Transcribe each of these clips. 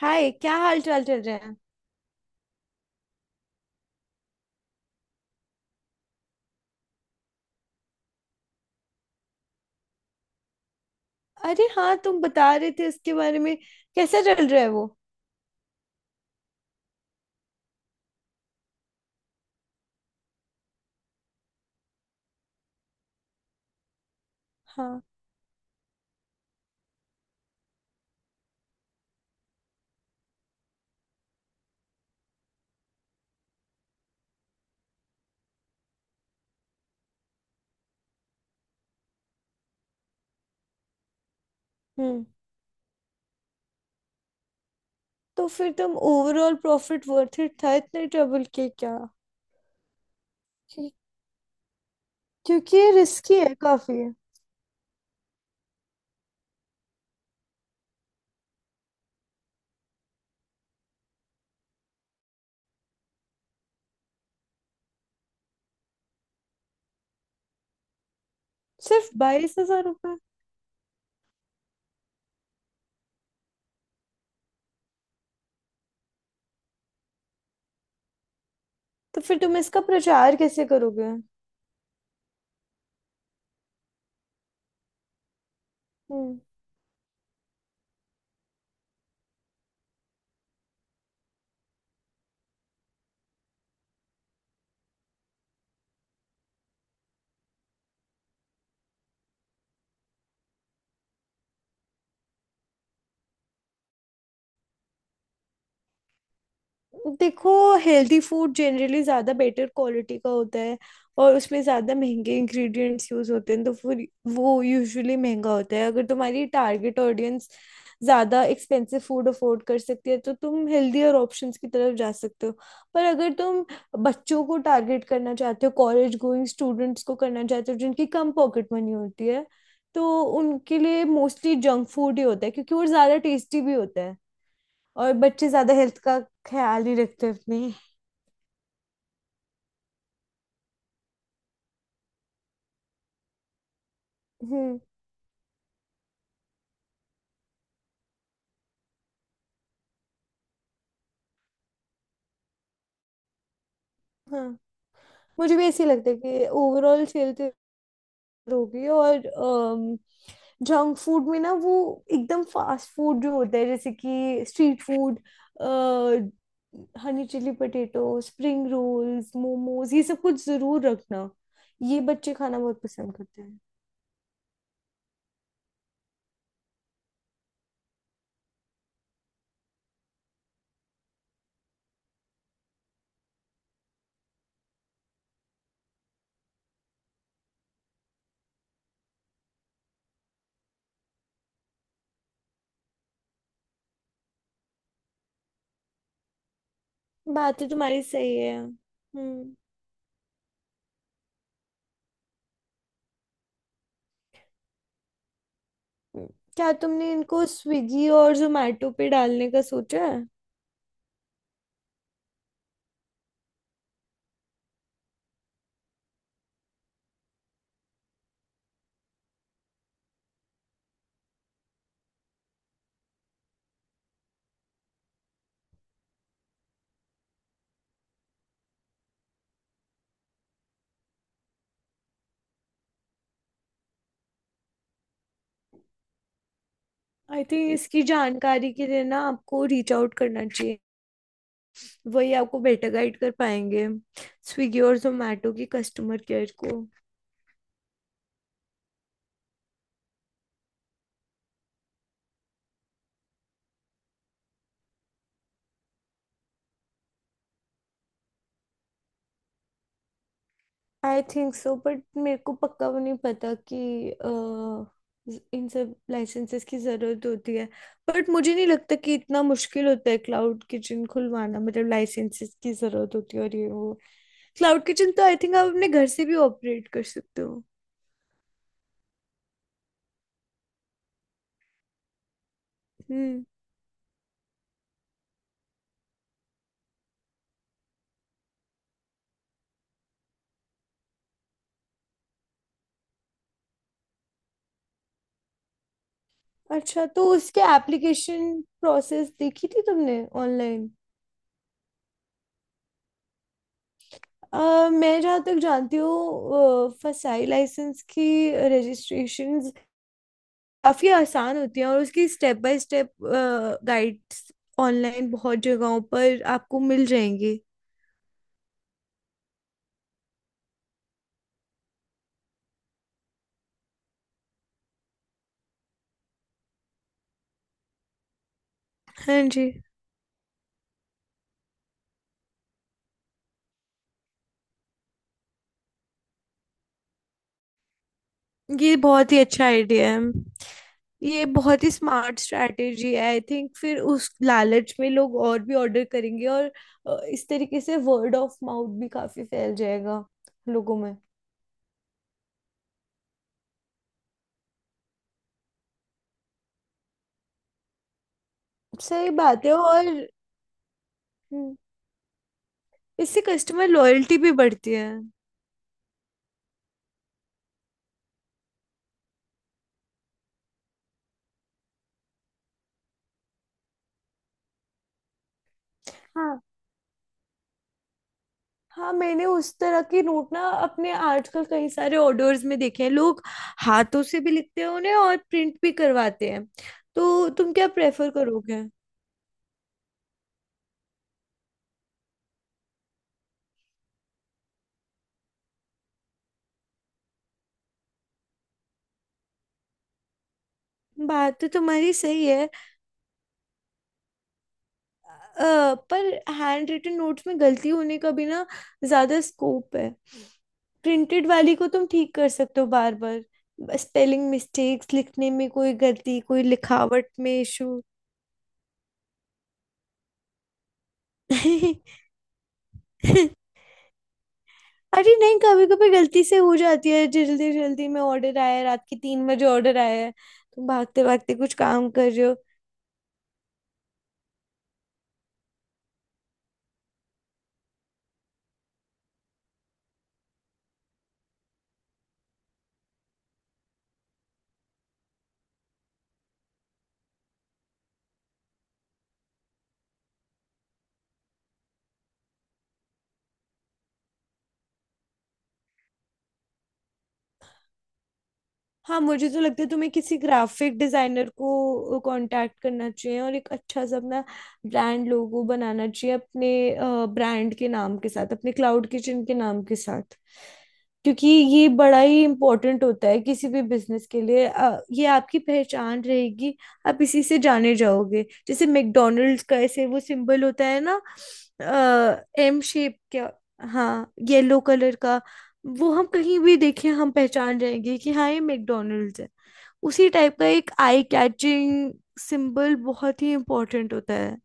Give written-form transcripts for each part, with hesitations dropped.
हाय, क्या हाल चाल चल रहे हैं। अरे हाँ, तुम बता रहे थे इसके बारे में। कैसा चल रहा है वो। हाँ। हम्म। तो फिर तुम ओवरऑल प्रॉफिट वर्थ इट था इतने ट्रबल के, क्या। क्यों- क्योंकि ये रिस्की है काफी। सिर्फ 22,000 रुपए। तो फिर तुम इसका प्रचार कैसे करोगे। हम्म। देखो, हेल्दी फूड जनरली ज़्यादा बेटर क्वालिटी का होता है और उसमें ज़्यादा महंगे इंग्रेडिएंट्स यूज़ होते हैं, तो फिर वो यूजुअली महंगा होता है। अगर तुम्हारी टारगेट ऑडियंस ज़्यादा एक्सपेंसिव फूड अफोर्ड कर सकती है तो तुम हेल्दियर ऑप्शंस की तरफ जा सकते हो। पर अगर तुम बच्चों को टारगेट करना चाहते हो, कॉलेज गोइंग स्टूडेंट्स को करना चाहते हो जिनकी कम पॉकेट मनी होती है, तो उनके लिए मोस्टली जंक फूड ही होता है क्योंकि वो ज़्यादा टेस्टी भी होता है। और बच्चे ज्यादा हेल्थ का ख्याल नहीं रखते अपनी। हम्म। हाँ, मुझे भी ऐसे ही लगता है कि ओवरऑल हेल्थ होगी। और जंक फूड में ना, वो एकदम फास्ट फूड जो होता है, जैसे कि street food, honey chilli potato, spring rolls, momos, ये सब कुछ जरूर रखना। ये बच्चे खाना बहुत पसंद करते हैं। बात तो तुम्हारी सही है। हम्म। क्या तुमने इनको स्विगी और जोमेटो पे डालने का सोचा है। आई थिंक इसकी जानकारी के लिए ना आपको रीच आउट करना चाहिए, वही आपको बेटर गाइड कर पाएंगे। स्विगी और जोमेटो की कस्टमर केयर को। आई थिंक सो, बट मेरे को पक्का वो नहीं पता कि इन सब लाइसेंसेस की ज़रूरत होती है। बट मुझे नहीं लगता कि इतना मुश्किल होता है क्लाउड किचन खुलवाना। मतलब लाइसेंसेस की ज़रूरत होती है और ये वो, क्लाउड किचन तो आई थिंक आप अपने घर से भी ऑपरेट कर सकते हो। हम्म। अच्छा, तो उसके एप्लीकेशन प्रोसेस देखी थी तुमने ऑनलाइन। मैं जहाँ तक जानती हूँ, फसाई लाइसेंस की रजिस्ट्रेशंस काफ़ी आसान होती हैं और उसकी step by step guides online बहुत जगहों पर आपको मिल जाएंगी। हाँ जी। ये बहुत ही अच्छा आइडिया है। ये बहुत ही स्मार्ट स्ट्रैटेजी है। आई थिंक फिर उस लालच में लोग और भी ऑर्डर करेंगे। और इस तरीके से वर्ड ऑफ माउथ भी काफ़ी फैल जाएगा लोगों में। सही बात है। और हम्म, इससे कस्टमर लॉयल्टी भी बढ़ती है। हाँ, हाँ, मैंने उस तरह की नोट ना अपने आजकल कई सारे ऑर्डर्स में देखे हैं। लोग हाथों से भी लिखते हैं उन्हें और प्रिंट भी करवाते हैं। तो तुम क्या प्रेफर करोगे। बात तो तुम्हारी सही है। पर हैंड रिटन नोट्स में गलती होने का भी ना ज्यादा स्कोप है। प्रिंटेड वाली को तुम ठीक कर सकते हो बार बार। स्पेलिंग मिस्टेक्स, लिखने में कोई गलती, कोई लिखावट में इशू। अरे नहीं, कभी कभी गलती से हो जाती है, जल्दी जल्दी में। ऑर्डर आया है रात के 3 बजे, ऑर्डर आया है, तुम भागते भागते कुछ काम कर रहे हो। हाँ, मुझे तो लगता है तुम्हें किसी ग्राफिक डिजाइनर को कांटेक्ट करना चाहिए और एक अच्छा सा अपना ब्रांड लोगो बनाना चाहिए, अपने ब्रांड के नाम के साथ, अपने क्लाउड किचन के नाम के साथ। क्योंकि ये बड़ा ही इम्पोर्टेंट होता है किसी भी बिजनेस के लिए। ये आपकी पहचान रहेगी, आप इसी से जाने जाओगे। जैसे मैकडोनल्ड्स का ऐसे वो सिंबल होता है ना, एम शेप का। हाँ, येलो कलर का। वो हम कहीं भी देखें, हम पहचान जाएंगे कि हाँ, ये मैकडोनल्ड्स है। उसी टाइप का एक आई कैचिंग सिंबल बहुत ही इम्पोर्टेंट होता है।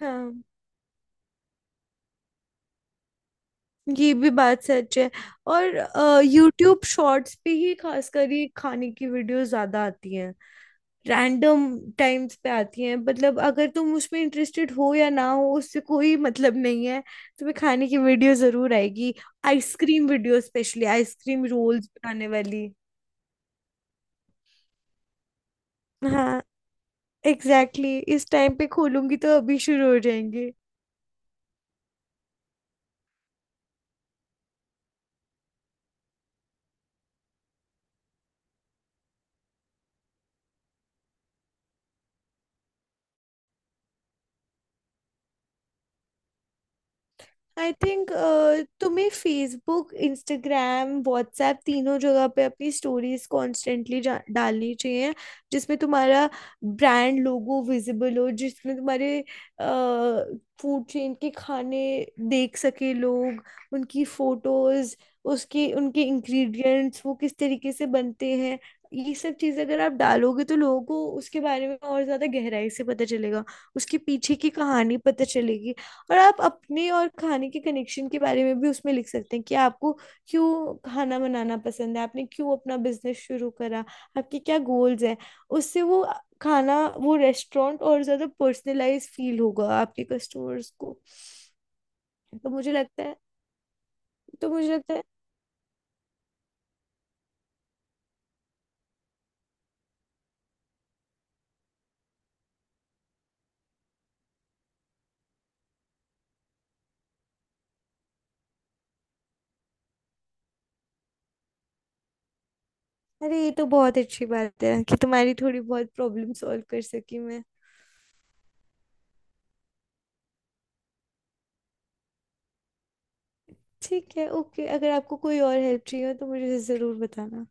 हाँ, ये भी बात सच है। और यूट्यूब शॉर्ट्स पे ही खासकर ये खाने की वीडियो ज्यादा आती हैं। रैंडम टाइम्स पे आती हैं। मतलब अगर तुम उसमें इंटरेस्टेड हो या ना हो, उससे कोई मतलब नहीं है, तुम्हें खाने की वीडियो जरूर आएगी। Ice cream video, specially ice cream rolls बनाने वाली। हाँ, एग्जैक्टली exactly, इस टाइम पे खोलूंगी तो अभी शुरू हो जाएंगे। आई थिंक तुम्हें फेसबुक, इंस्टाग्राम, व्हाट्सएप तीनों जगह पे अपनी स्टोरीज कॉन्स्टेंटली डालनी चाहिए, जिसमें तुम्हारा ब्रांड लोगो विजिबल हो, जिसमें तुम्हारे फूड चेन के खाने देख सके लोग, उनकी फोटोज, उसके उनके इंग्रेडिएंट्स, वो किस तरीके से बनते हैं। ये सब चीज़ अगर आप डालोगे तो लोगों को उसके बारे में और ज़्यादा गहराई से पता चलेगा, उसके पीछे की कहानी पता चलेगी। और आप अपने और खाने के कनेक्शन के बारे में भी उसमें लिख सकते हैं कि आपको क्यों खाना बनाना पसंद है, आपने क्यों अपना बिजनेस शुरू करा, आपके क्या गोल्स हैं। उससे वो खाना, वो रेस्टोरेंट और ज़्यादा पर्सनलाइज फील होगा आपके कस्टमर्स को। तो मुझे लगता है तो मुझे लगता है, अरे ये तो बहुत अच्छी बात है कि तुम्हारी थोड़ी बहुत प्रॉब्लम सॉल्व कर सकी मैं। ठीक है, ओके, अगर आपको कोई और हेल्प चाहिए हो तो मुझे ज़रूर बताना।